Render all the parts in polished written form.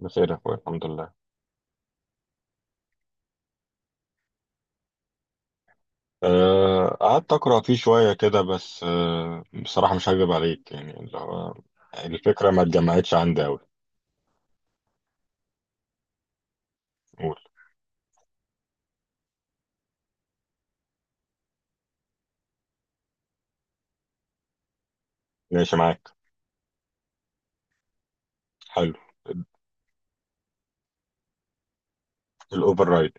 بخير يا اخويا، الحمد لله. قعدت اقرا فيه شويه كده، بس بصراحه مش هكذب عليك، يعني اللي هو الفكره ما اتجمعتش عندي قوي. قول. ماشي معاك. حلو، الاوفر رايد.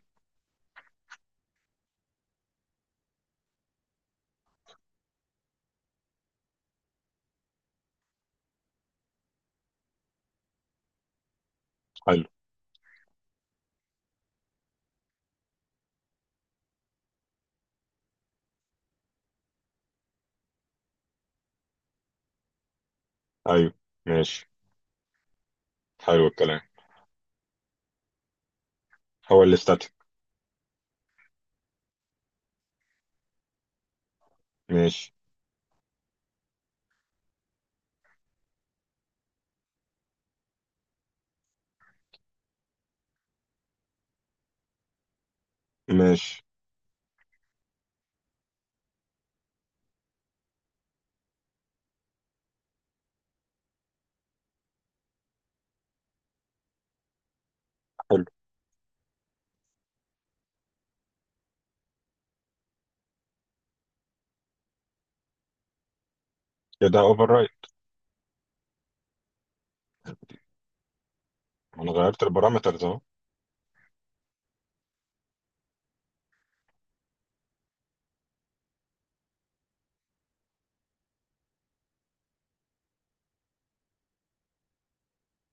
حلو. ايوه، ماشي. حلو الكلام. هو الاستاتيك. ماشي، ماشي. حلو، كده اوفر رايد. انا غيرت البارامترز اهو.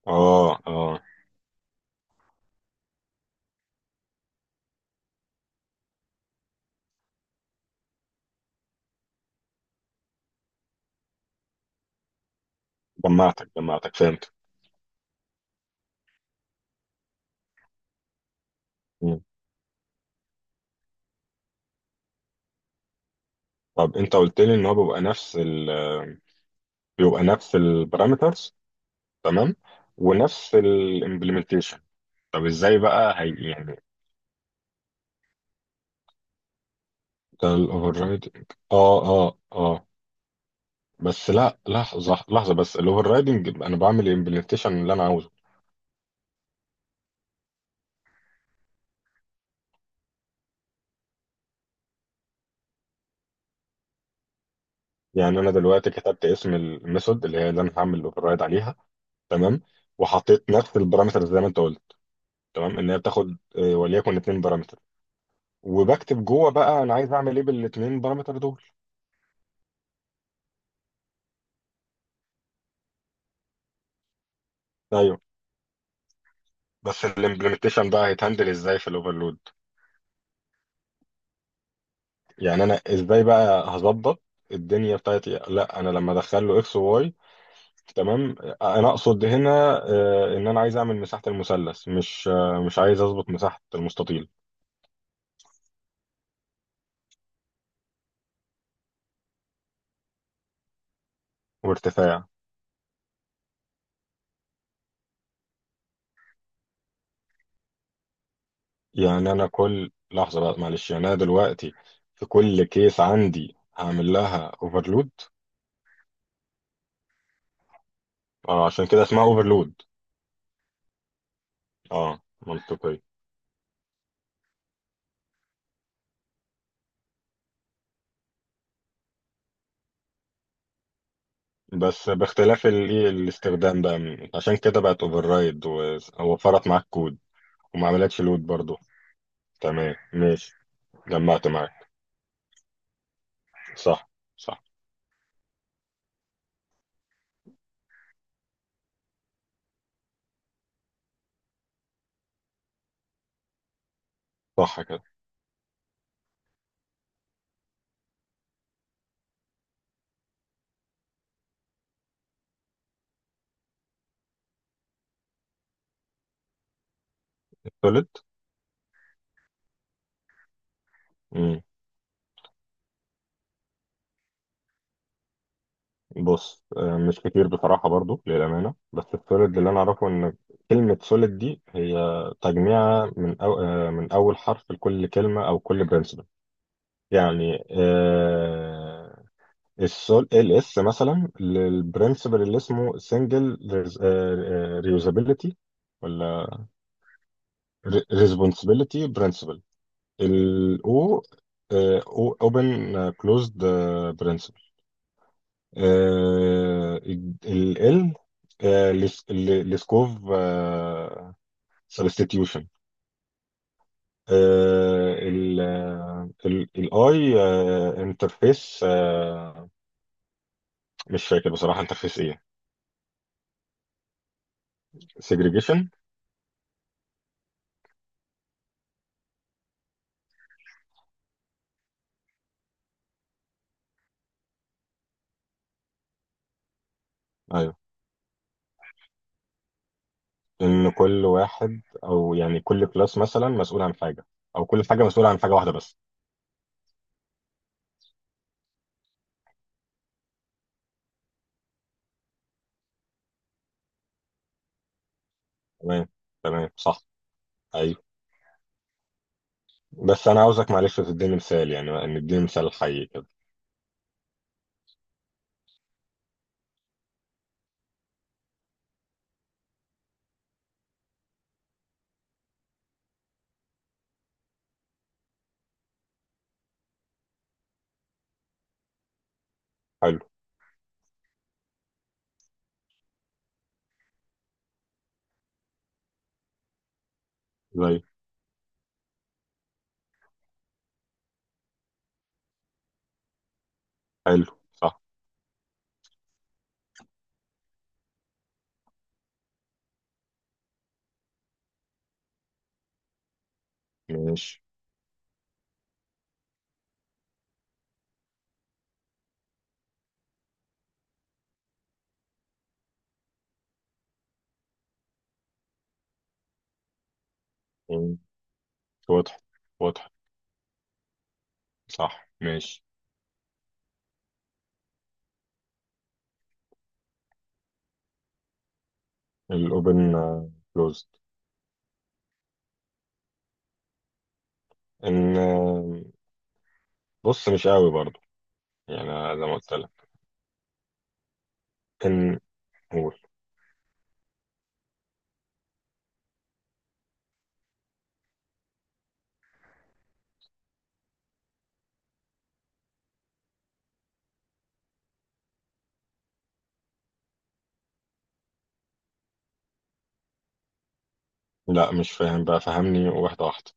اه، اه. جمعتك، جمعتك، فهمت. مم. طب انت قلت لي ان هو بيبقى نفس البارامترز. تمام. ونفس الامبلمنتيشن. طب ازاي بقى هي يعني؟ ده الاوفر رايدنج. اه، اه، اه. بس لا، لحظه، لحظه، بس الاوفر رايدنج انا بعمل الامبلمنتيشن اللي انا عاوزه. يعني انا دلوقتي كتبت اسم الميثود اللي انا هعمل الاوفر رايد عليها. تمام. وحطيت نفس البارامترز زي ما انت قلت. تمام، ان هي بتاخد وليكن اتنين بارامتر. وبكتب جوه بقى، انا عايز اعمل ايه بالاتنين بارامتر دول. ايوه. بس الامبلمنتيشن بقى هيتهندل ازاي في الاوفرلود؟ يعني انا ازاي بقى هظبط الدنيا بتاعتي؟ لا، انا لما ادخل له اكس وواي. تمام. انا اقصد هنا، ان انا عايز اعمل مساحه المثلث، مش عايز اظبط مساحه المستطيل. وارتفاع. يعني انا كل لحظه بقى، معلش، يعني انا دلوقتي في كل كيس عندي هعمل لها اوفرلود. اه، عشان كده اسمها اوفرلود. اه، منطقي. بس باختلاف الايه، الاستخدام بقى. عشان كده بقت اوفر رايد، ووفرت معاك كود. وما عملتش لود برضو. تمام، ماشي. جمعت معاك. صح، صح، صح كده. السوليد. امم. بص، مش كتير بصراحة، برضو للأمانة، بس السوليد اللي أنا أعرفه إن كلمة سوليد دي هي تجميعة من أو آه، من أول حرف لكل كلمة أو كل برنسبل. يعني ال اس مثلا للبرنسبل اللي اسمه سنجل. ريوزابيلتي، ولا ريسبونسبيلتي برنسبل. O، اوبن كلوزد برنسبل. آه ال ال لسكوف. سبستيتيوشن. I، انترفيس. مش فاكر بصراحة انترفيس ايه. سيجريجيشن. ايوه. ان كل واحد، او يعني كل كلاس مثلا مسؤول عن حاجة. او كل حاجة مسؤولة عن حاجة واحدة بس. تمام. تمام، صح. ايوه. بس انا عاوزك، معلش، تديني مثال، يعني ان اديني مثال حي كده. حلو، زي. حلو، صح، ماشي. واضح. واضح، صح، ماشي. الاوبن كلوزد. ان بص، مش قوي برضو. يعني أنا زي ما قلت لك، ان... قول. لا مش فاهم بقى، فهمني واحده واحده.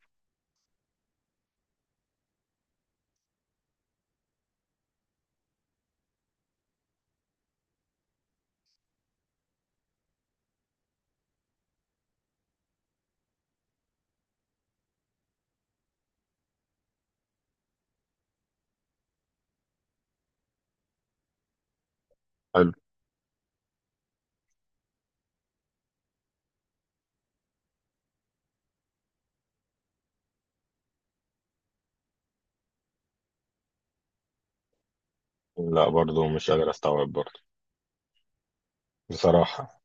حلو. لا، برضو مش قادر استوعب برضو. بصراحه.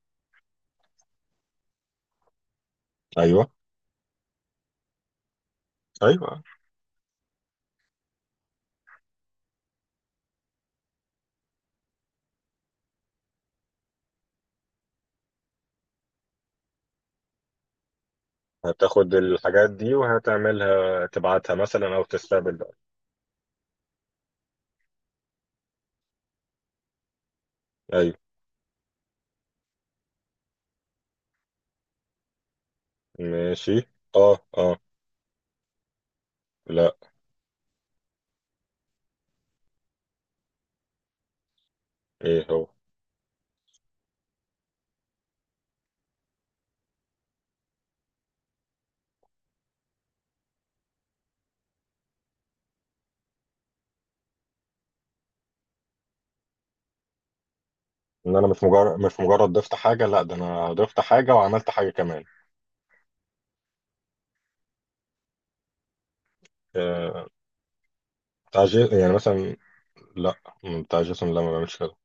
ايوه، ايوه. هتاخد الحاجات دي وهتعملها، تبعتها مثلا او تستقبل بقى. ايوه، ماشي. اه، اه. لا. ايه هو؟ ان انا مش مجرد ضفت حاجه، لا ده انا ضفت حاجه وعملت حاجه كمان. آه، تعجيل يعني مثلا. لا. بتاع جيسون، لا ما بعملش كده.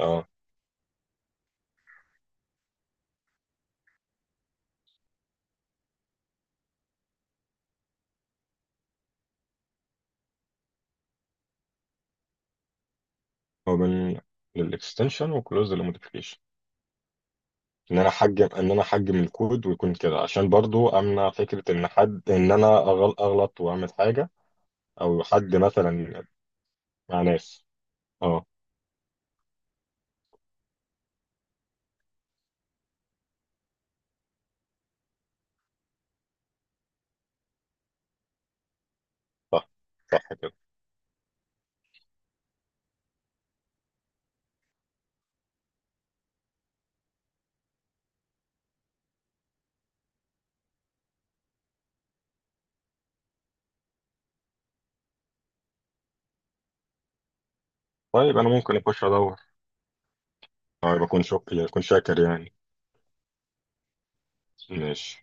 اه. هو من للاكستنشن وكلوز للموديفيكيشن. ان انا احجم الكود ويكون كده، عشان برضو امنع فكره ان حد ان انا اغلط واعمل حاجه. او حد مثلا مع ناس. اه. صح. صح كده. طيب انا ممكن اخش ادور؟ طيب اكون شاكر يعني. ماشي.